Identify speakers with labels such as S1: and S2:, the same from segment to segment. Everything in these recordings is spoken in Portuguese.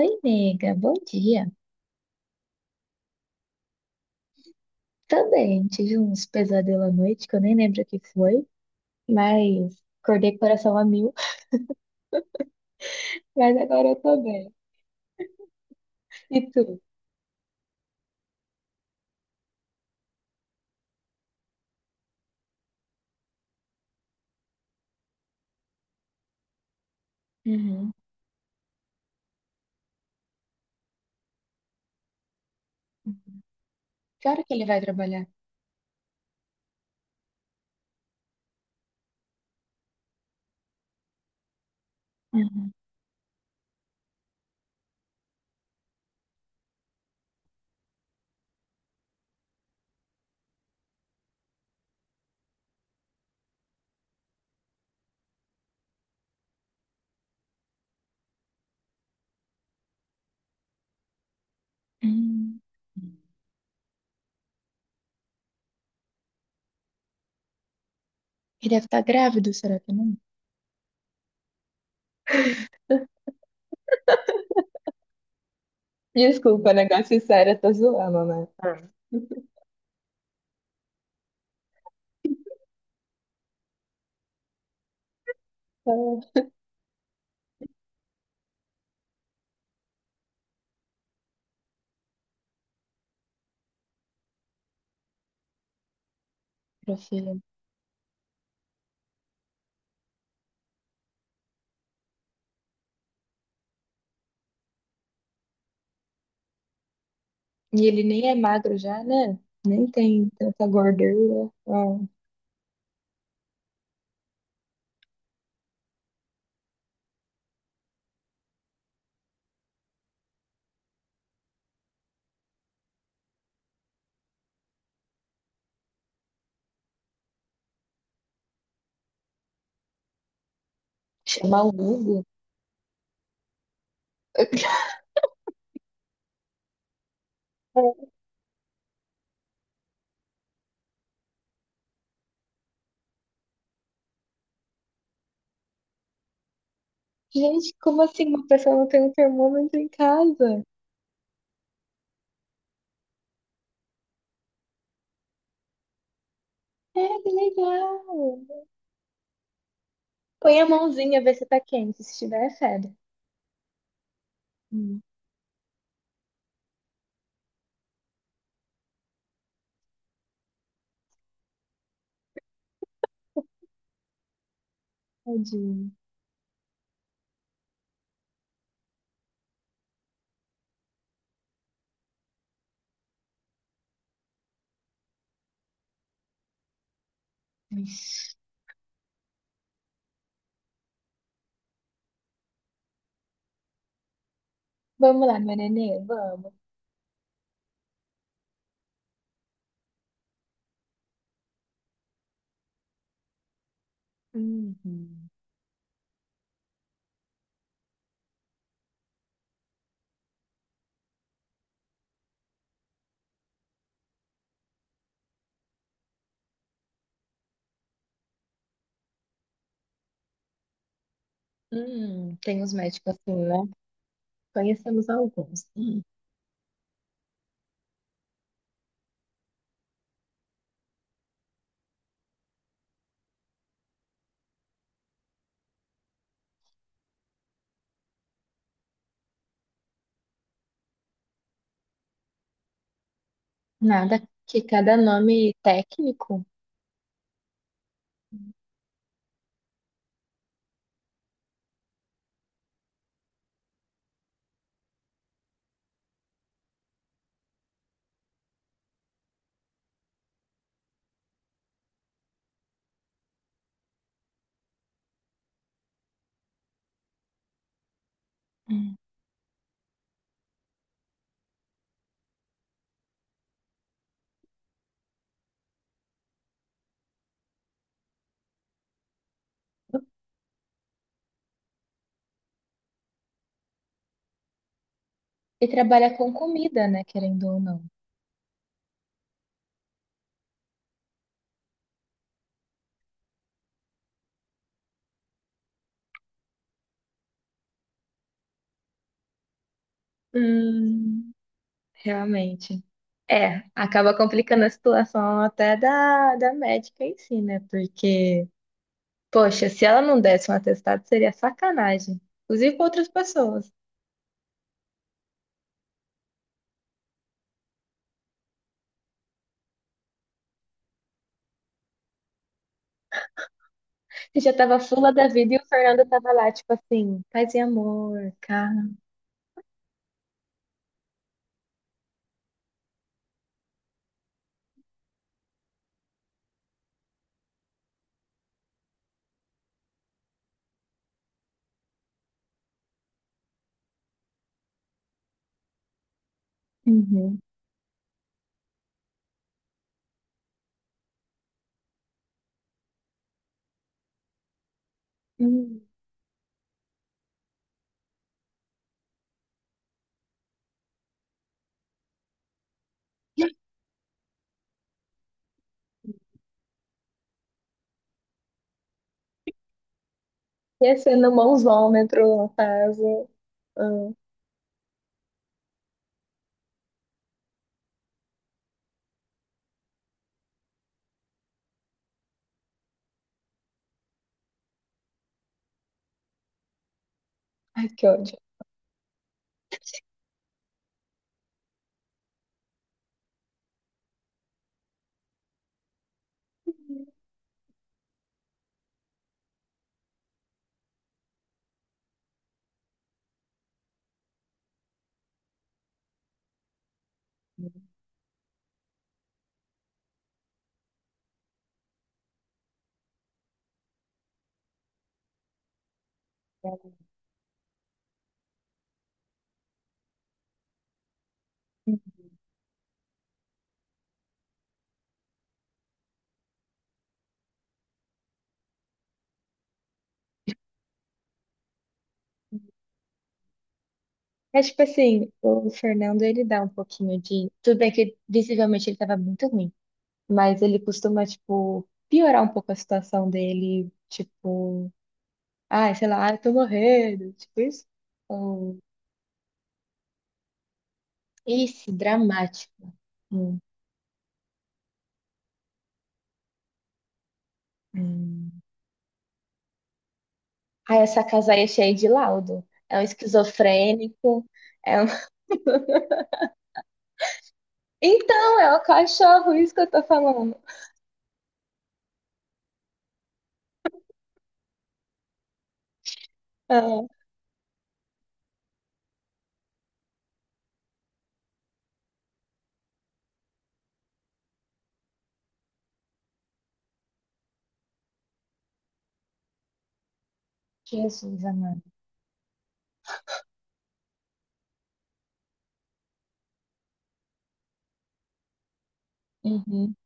S1: Oi, nega, bom dia. Também tive uns pesadelos à noite que eu nem lembro o que foi, mas acordei com o coração a mil, mas agora eu tô bem. E tu? Uhum. Que hora que ele vai trabalhar? Uhum. Hum. Ele deve estar grávido, será que não? Desculpa, negócio sério, eu tô zoando, né? Ah. Ah, meu filho. E ele nem é magro já, né? Nem tem tanta gordura. Ah, chamar o Hugo. Gente, como assim uma pessoa não tem um termômetro em casa? É, que legal. Põe a mãozinha, vê se tá quente. Se tiver, é febre. Hum. Tadinho. Ixi. Vamos lá, meu nenê, vamos. Uhum. Tem uns médicos assim, né? Conhecemos alguns. Hum. Nada que cada nome técnico. Hum. E trabalha com comida, né? Querendo ou não. Hum. Realmente. É, acaba complicando a situação até da médica em si, né? Porque, poxa, se ela não desse um atestado, seria sacanagem. Inclusive com outras pessoas. Você já tava fula da vida e o Fernando tava lá, tipo assim, paz e amor, cara. Uhum. Uhum. E sendo mãozômetro no caso. Ah, ai, que ódio. É tipo assim, o Fernando ele dá um pouquinho de. Tudo bem que visivelmente ele tava muito ruim, mas ele costuma, tipo, piorar um pouco a situação dele, tipo, ai, sei lá, ai, tô morrendo, tipo isso. Ou, esse dramático. Hum, hum. Ah, essa casa aí é cheia de laudo. É um esquizofrênico. É um... Então, é o cachorro, isso que eu tô falando. Ah, Jesus amado. Uhum.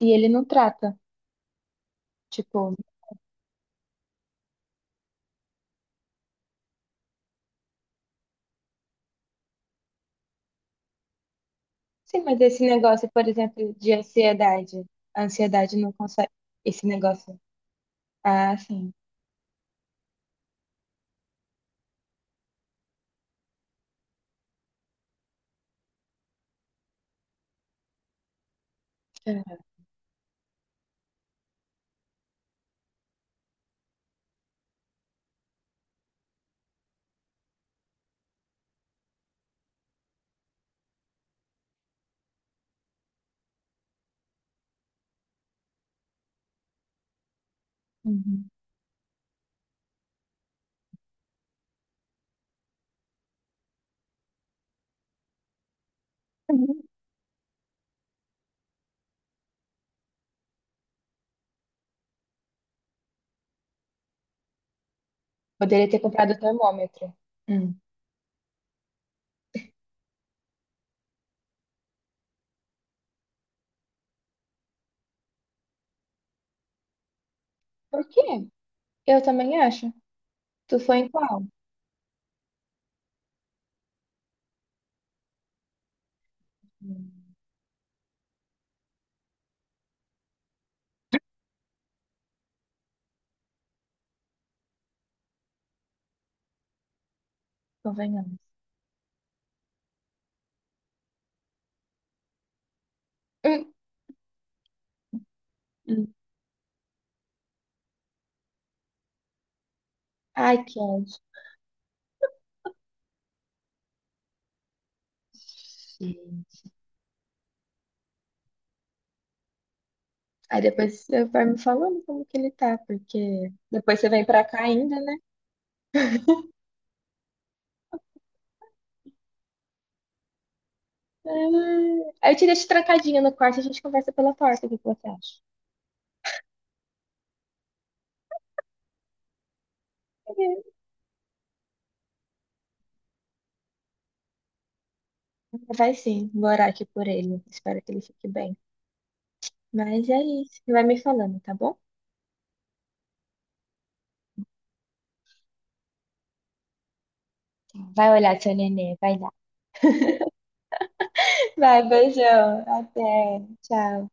S1: E ele não trata, tipo, sim, mas esse negócio, por exemplo, de ansiedade. A ansiedade não consegue. Esse negócio. Ah, sim. Uhum. Uhum. Poderia ter comprado o termômetro. Hum. Por quê? Eu também acho. Tu foi em qual? Hum, Convenhamos. Hum. Hum. Ai, que ódio. Sim. Aí depois você vai me falando como que ele tá, porque depois você vem pra cá ainda, né? Ah, aí eu te deixo trancadinha no quarto, e a gente conversa pela porta, o que que você acha? É. Vai sim, vou orar aqui por ele. Espero que ele fique bem. Mas é isso, vai me falando, tá bom? Vai olhar seu nenê, vai lá. Vai, beijão. Até. Tchau.